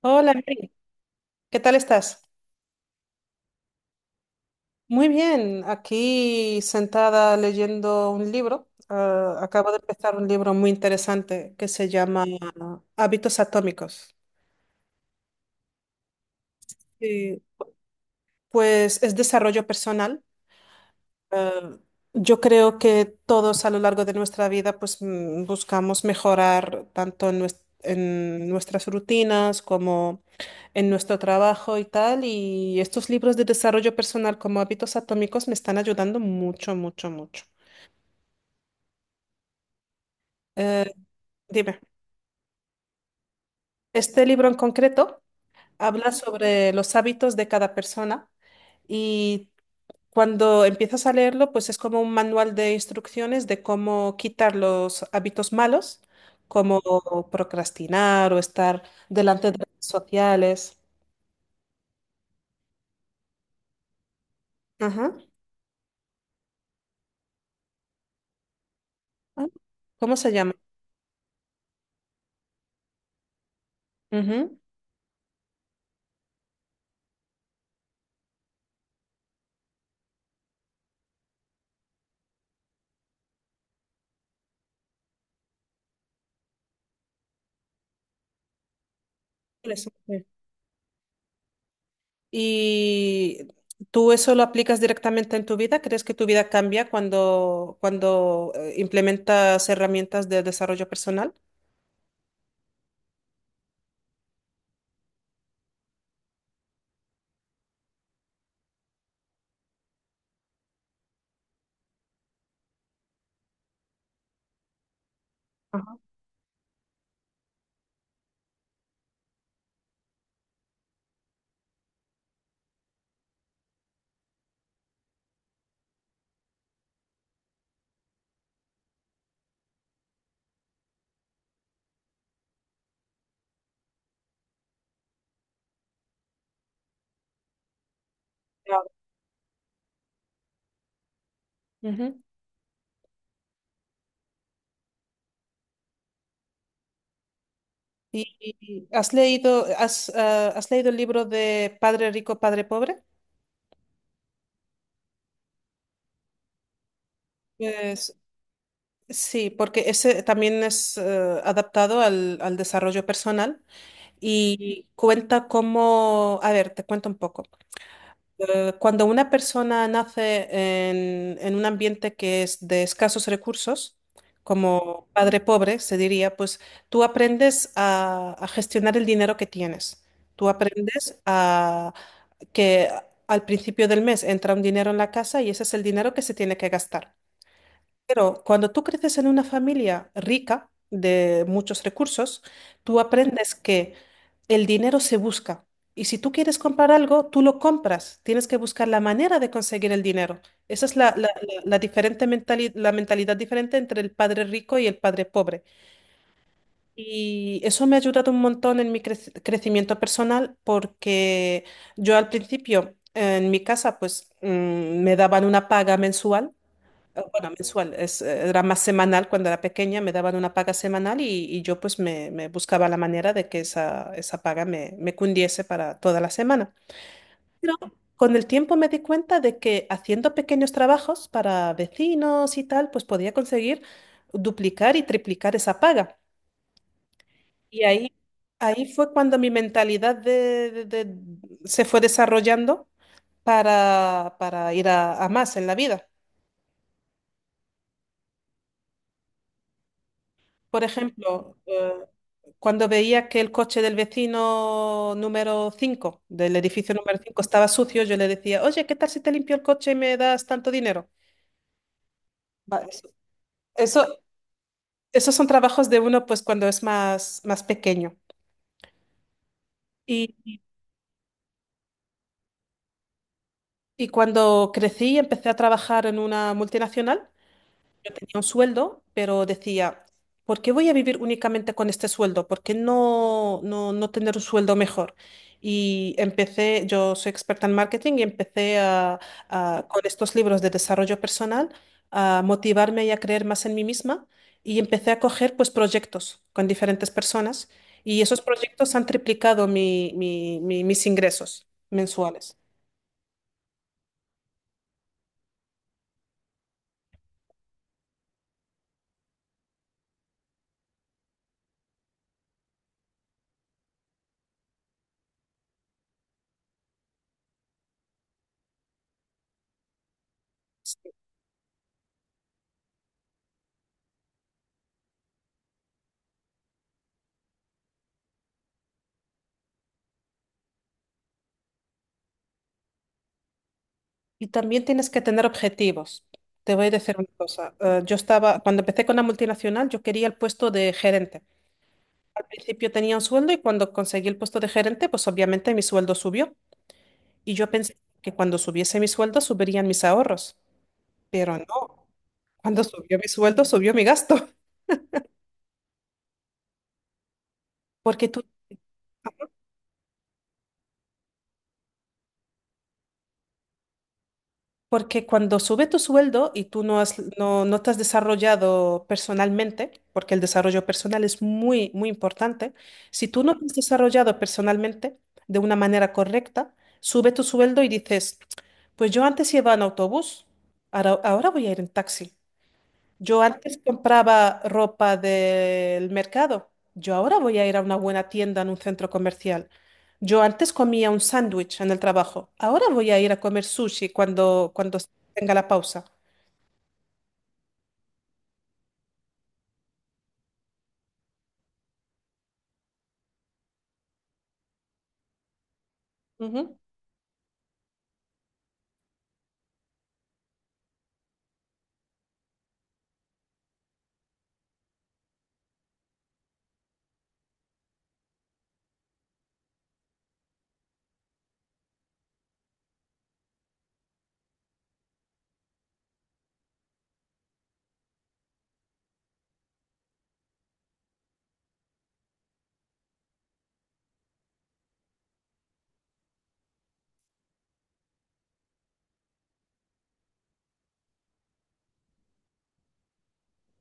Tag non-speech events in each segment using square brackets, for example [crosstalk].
Hola, Mary. ¿Qué tal estás? Muy bien, aquí sentada leyendo un libro. Ah, acabo de empezar un libro muy interesante que se llama Hábitos Atómicos. Y, pues es desarrollo personal. Ah, yo creo que todos a lo largo de nuestra vida pues buscamos mejorar tanto en nuestras rutinas como en nuestro trabajo y tal, y estos libros de desarrollo personal como hábitos atómicos me están ayudando mucho, mucho, mucho. Eh, Dime, este libro en concreto habla sobre los hábitos de cada persona y cuando empiezas a leerlo, pues es como un manual de instrucciones de cómo quitar los hábitos malos, como procrastinar o estar delante de redes sociales. Ajá. Ah, ¿cómo se llama? Ujú. ¿Y tú eso lo aplicas directamente en tu vida? ¿Crees que tu vida cambia cuando, cuando implementas herramientas de desarrollo personal? Ajá. Claro. Ujú. ¿Y has leído el libro de Padre Rico, Padre Pobre? Pues, sí, porque ese también es adaptado al desarrollo personal y cuenta cómo, a ver, te cuento un poco. Cuando una persona nace en un ambiente que es de escasos recursos, como padre pobre, se diría, pues tú aprendes a gestionar el dinero que tienes. Tú aprendes a que al principio del mes entra un dinero en la casa y ese es el dinero que se tiene que gastar. Pero cuando tú creces en una familia rica de muchos recursos, tú aprendes que el dinero se busca. Y si tú quieres comprar algo, tú lo compras. Tienes que buscar la manera de conseguir el dinero. Esa es la mentalidad diferente entre el padre rico y el padre pobre. Y eso me ha ayudado un montón en mi crecimiento personal porque yo al principio en mi casa pues me daban una paga mensual bueno, mensual, era más semanal cuando era pequeña, me daban una paga semanal y yo pues me buscaba la manera de que esa paga me cundiese para toda la semana. Pero con el tiempo me di cuenta de que haciendo pequeños trabajos para vecinos y tal, pues podía conseguir duplicar y triplicar esa paga. Y ahí fue cuando mi mentalidad se fue desarrollando para ir a más en la vida. Por ejemplo, cuando veía que el coche del vecino número 5 del edificio número 5 estaba sucio, yo le decía, oye, ¿qué tal si te limpio el coche y me das tanto dinero? Va, eso- esos son trabajos de uno pues cuando es más pequeño. Y, y cuando crecí, empecé a trabajar en una multinacional. Yo tenía un sueldo, pero decía, ¿por qué voy a vivir únicamente con este sueldo? ¿Por qué no tener un sueldo mejor? Y empecé, yo soy experta en marketing y empecé con estos libros de desarrollo personal a motivarme y a creer más en mí misma y empecé a coger pues proyectos con diferentes personas y esos proyectos han triplicado mis ingresos mensuales. Y también tienes que tener objetivos. Te voy a decir una cosa. Yo estaba, cuando empecé con la multinacional, yo quería el puesto de gerente. Al principio tenía un sueldo y cuando conseguí el puesto de gerente, pues obviamente mi sueldo subió. Y yo pensé que cuando subiese mi sueldo, subirían mis ahorros. Pero no, cuando subió mi sueldo, subió mi gasto. [laughs] Porque tú Porque cuando sube tu sueldo y tú no te has desarrollado personalmente, porque el desarrollo personal es muy, muy importante, si tú no te has desarrollado personalmente de una manera correcta, sube tu sueldo y dices, pues yo antes iba en autobús, ahora voy a ir en taxi. Yo antes compraba ropa del mercado. Yo ahora voy a ir a una buena tienda en un centro comercial. Yo antes comía un sándwich en el trabajo. Ahora voy a ir a comer sushi cuando tenga la pausa. Ujú.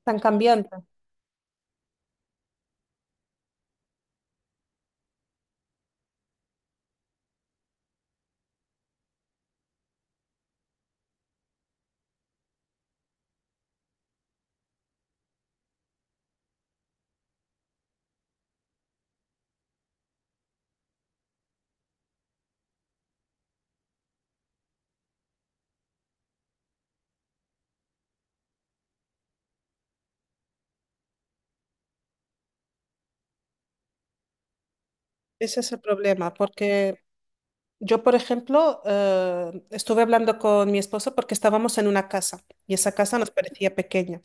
Tan cambiante. Ese es el problema, porque yo, por ejemplo, estuve hablando con mi esposo porque estábamos en una casa y esa casa nos parecía pequeña.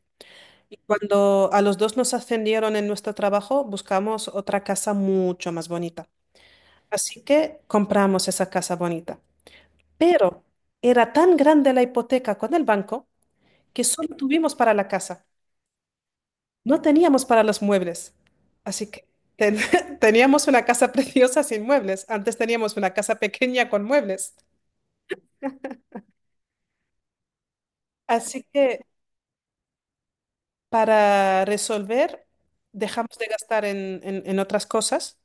Y cuando a los dos nos ascendieron en nuestro trabajo, buscamos otra casa mucho más bonita. Así que compramos esa casa bonita. Pero era tan grande la hipoteca con el banco que solo tuvimos para la casa. No teníamos para los muebles. Así que ten- [laughs] teníamos una casa preciosa sin muebles. Antes teníamos una casa pequeña con muebles. Así que para resolver, dejamos de gastar en otras cosas.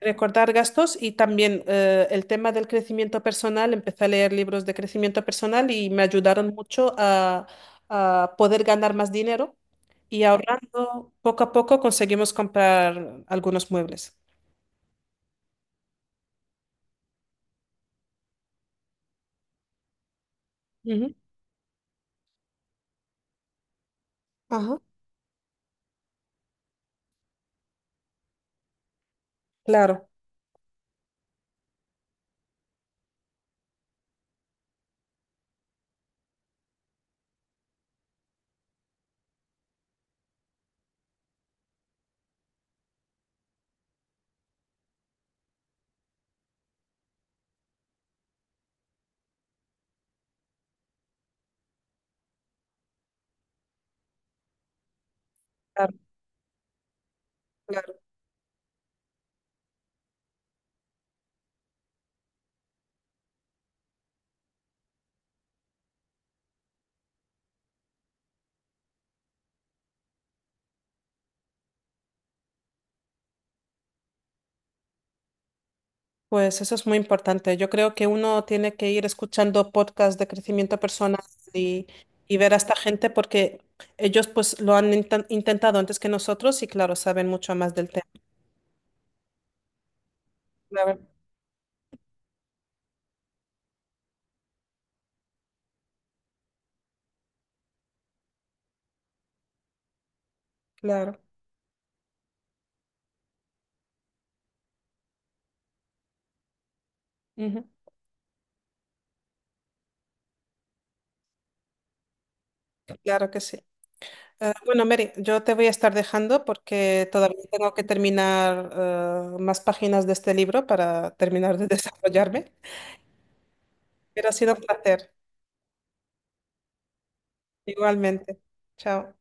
Recortar gastos y también el tema del crecimiento personal. Empecé a leer libros de crecimiento personal y me ayudaron mucho a poder ganar más dinero y ahorrando poco a poco conseguimos comprar algunos muebles. Ujú. Ajá. Claro, claro, claro. Pues eso es muy importante. Yo creo que uno tiene que ir escuchando podcasts de crecimiento personal y, y ver a esta gente porque ellos pues lo han intentado antes que nosotros y claro, saben mucho más del tema. Claro, Ujú. Claro que sí. Bueno, Mary, yo te voy a estar dejando porque todavía tengo que terminar más páginas de este libro para terminar de [laughs] desarrollarme, pero ha sido un placer. Igualmente. Chao.